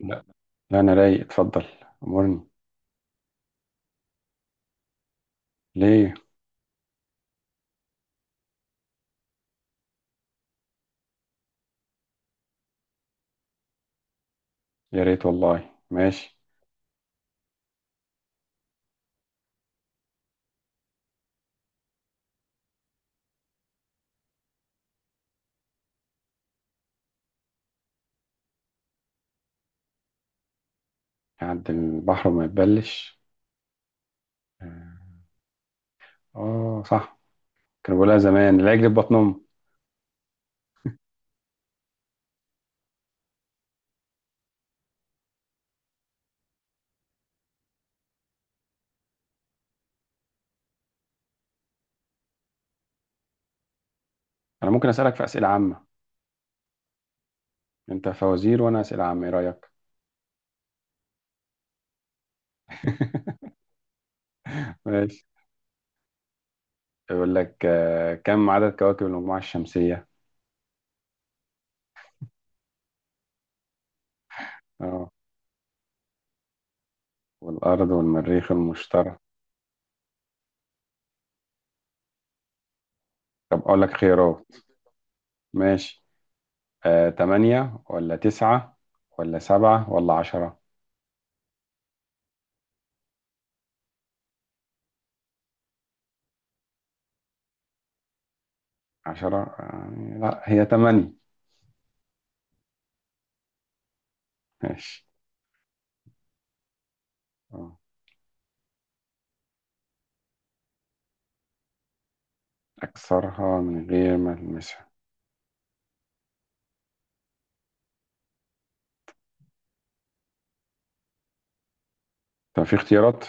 لا، لا، انا رايق. اتفضل. امرني. ليه؟ يا ريت والله. ماشي. يعدي البحر وما يتبلش. اه. آه، صح. كانوا بيقولها زمان: لا يجري في بطن امه. انا ممكن اسالك في اسئله عامه. انت فوازير وانا اسئله عامه، ايه رايك؟ ماشي. يقول لك كم عدد كواكب المجموعه الشمسيه؟ اه. والارض والمريخ المشتري. طب اقول لك خيارات. ماشي. تمانية ولا تسعة ولا سبعة ولا عشرة؟ عشرة؟ لا، هي تمانية. ماشي. آه. أكسرها من غير ما ألمسها؟ طب في اختيارات؟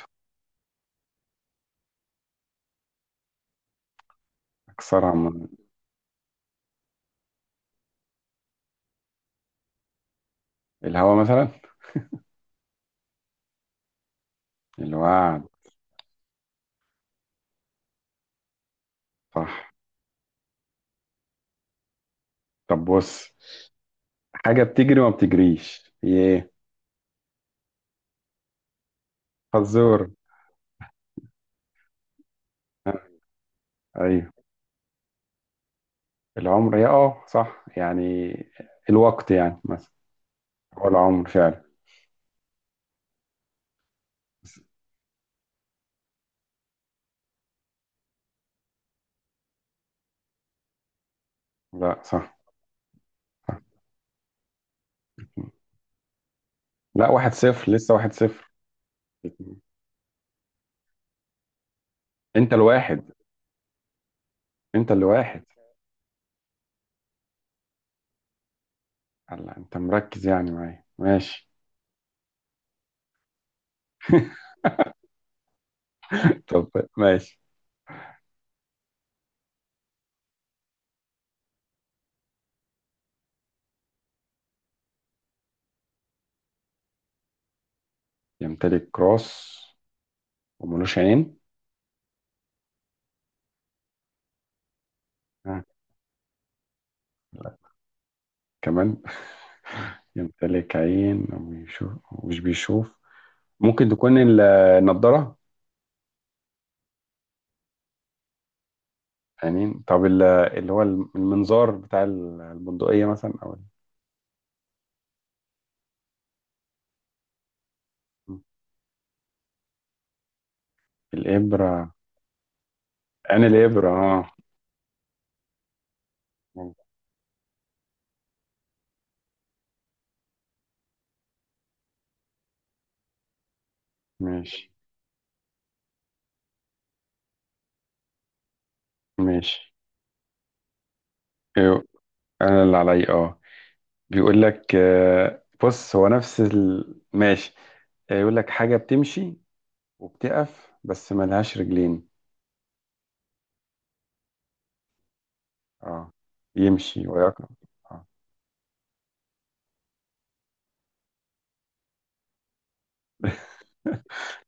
أكسرها من الهواء مثلا. الوعد. صح. طب بص. حاجة بتجري وما بتجريش، هي إيه؟ فزور. آه، أيوه. العمر، هي صح يعني. الوقت يعني مثلا. هو العمر فعلا. لا، صح. لا، واحد صفر، لسه واحد صفر. أنت الواحد. أنت الواحد. هلا أنت مركز يعني معايا، ماشي. طب ماشي. يمتلك راس، وملوش عين؟ ها. كمان؟ يمتلك عين وبيشوف ومش بيشوف. ممكن تكون النضارة. عينين؟ طب اللي هو المنظار بتاع البندقية مثلا، أو الإبرة. عين الإبرة، اه. ماشي. ماشي. أيوه، أنا اللي عليا، اه. بيقول لك بص، هو نفس ماشي. يقول لك حاجة بتمشي وبتقف بس ملهاش رجلين. اه. يمشي ويقف. اه.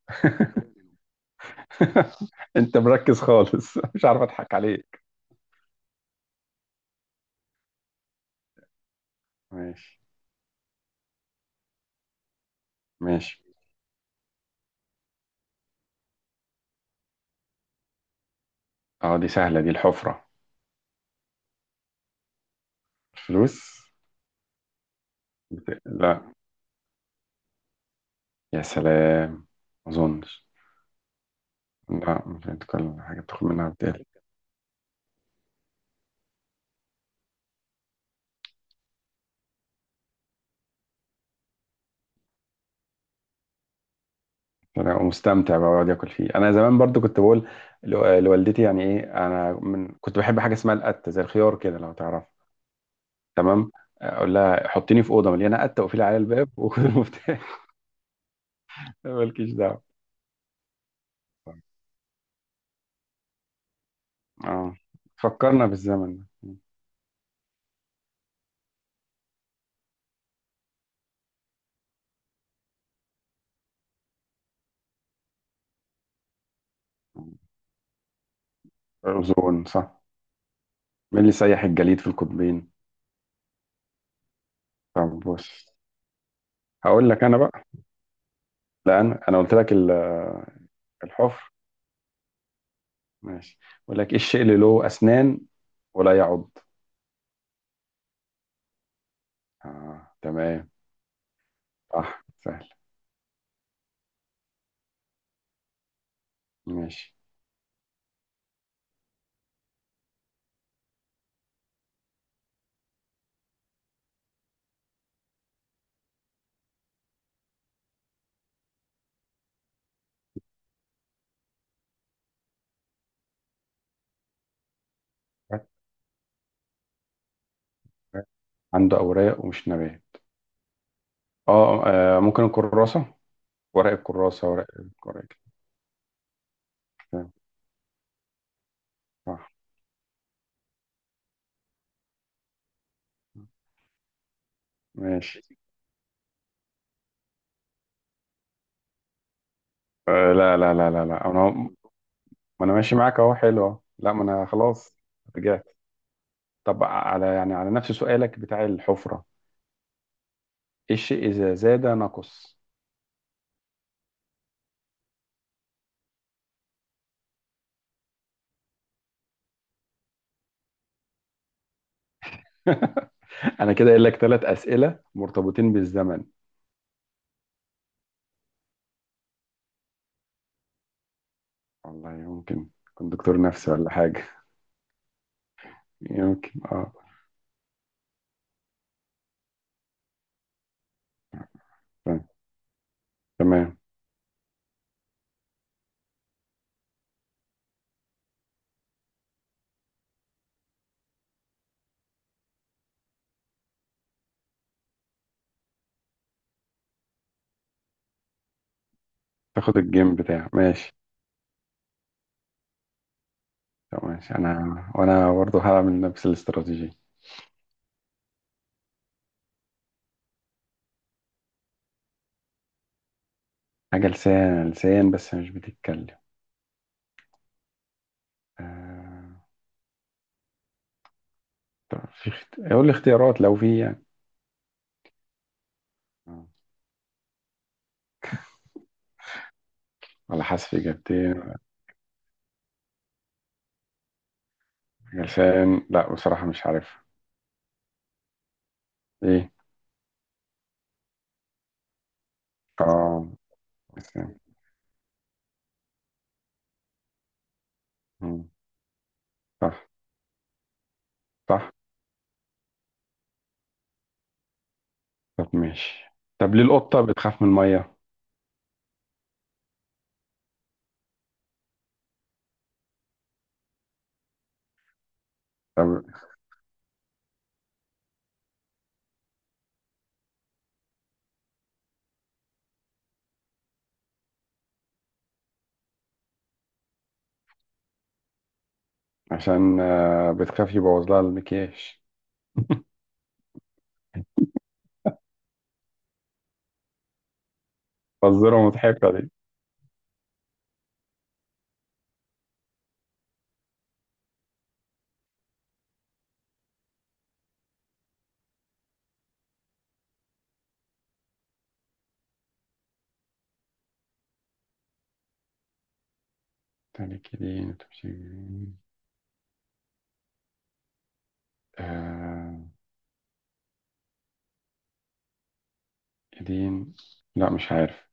انت مركز خالص. مش عارف اضحك عليك. ماشي. ماشي. اه، دي سهلة، دي الحفرة. الفلوس. لا. يا سلام. ما اظنش. لا، مش هتكون حاجة بتاخد منها بتقل. انا مستمتع بقى بقعد اكل فيه. انا زمان برضو كنت بقول لوالدتي، يعني ايه، انا من كنت بحب حاجة اسمها القتة زي الخيار كده، لو تعرف. تمام. اقول لها حطيني في اوضه مليانه قته، وقفلي عليا الباب وخد المفتاح. مالكيش دعوه. اه، فكرنا بالزمن ده. أوزون، صح. مين اللي سيح الجليد في القطبين؟ طب بص. هقول لك انا بقى. لا، انا قلت لك الحفر. ماشي. بقول لك: ايه الشيء اللي له اسنان ولا يعض؟ آه، تمام. صح، سهل. ماشي. عنده اوراق ومش نبات؟ اه. ممكن الكراسه، ورق الكراسه، ورق. الورق. تمام. صح. ماشي. لا، لا، لا، لا، لا، انا، ما انا ماشي معاك اهو، حلو اهو، لا، ما انا خلاص. رجعت. طب على يعني نفس سؤالك بتاع الحفره. الشيء إذا زاد نقص. أنا كده قايل لك ثلاث أسئلة مرتبطين بالزمن. والله يمكن. كنت دكتور نفسي ولا حاجة؟ يمكن، اه. تمام. تمام. تاخد الجيم بتاع ماشي. طب ماشي أنا. وأنا برضه هعمل نفس الاستراتيجية. حاجة لسان، لسان بس مش بتتكلم. آه. طب في قول لي اختيارات لو في يعني. آه. ولا حذف إجابتين؟ حاجة لسان، لا، بصراحة مش عارفها. إيه؟ اه. لسان. مم. صح. صح. طب ماشي. طب ليه القطة بتخاف من المية؟ طب، عشان بتخاف يبوظ لها المكياج. فزورة مضحكة دي. تاني، كدين تمشي جنين. آه كدين. لا، مش عارف.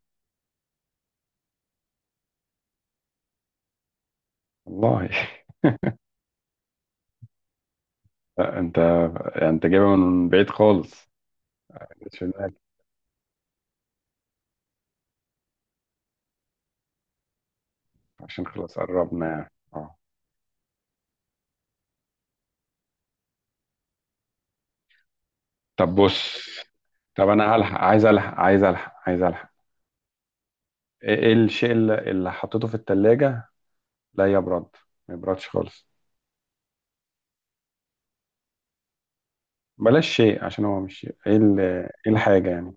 والله. لا، انت جايبها من بعيد خالص. ما جاتش في دماغي. عشان خلاص قربنا يعني، اه. طب بص. طب انا هلحق، عايز الحق، عايز الحق، عايز الحق. ايه الشيء اللي حطيته في التلاجة، لا يبرد، ما يبردش خالص. بلاش شيء، عشان هو مش شيء. إيه الحاجة يعني؟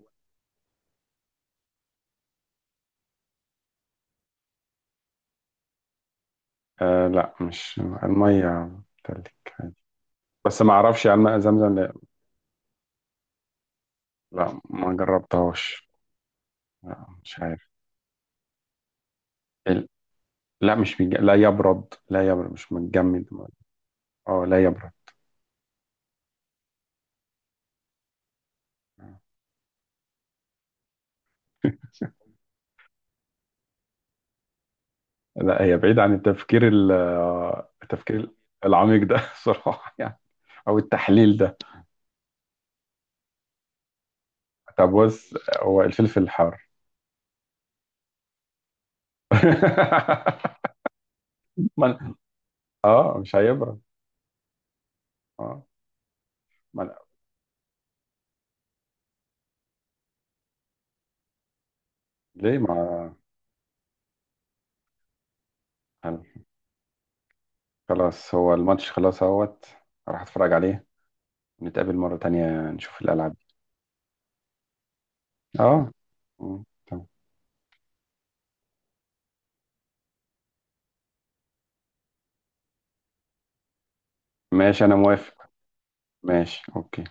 آه، لا، مش المية. بتلك. عادي. بس ما اعرفش عن ماء زمزم، لا، لا، ما جربتهاش. لا، مش عارف. ال- لا، مش بيج... لا يبرد، مش متجمد. اه، لا يبرد. لا، هي بعيد عن التفكير العميق ده. صراحة يعني، او التحليل ده. طب بص. هو الفلفل الحار؟ ما- اه، مش هيبرد. اه. ما- ليه؟ ما خلاص، هو الماتش خلاص اهوت. راح اتفرج عليه. نتقابل مرة تانية، نشوف الألعاب. دي، اه. مم. تمام. ماشي، انا موافق. ماشي، اوكي.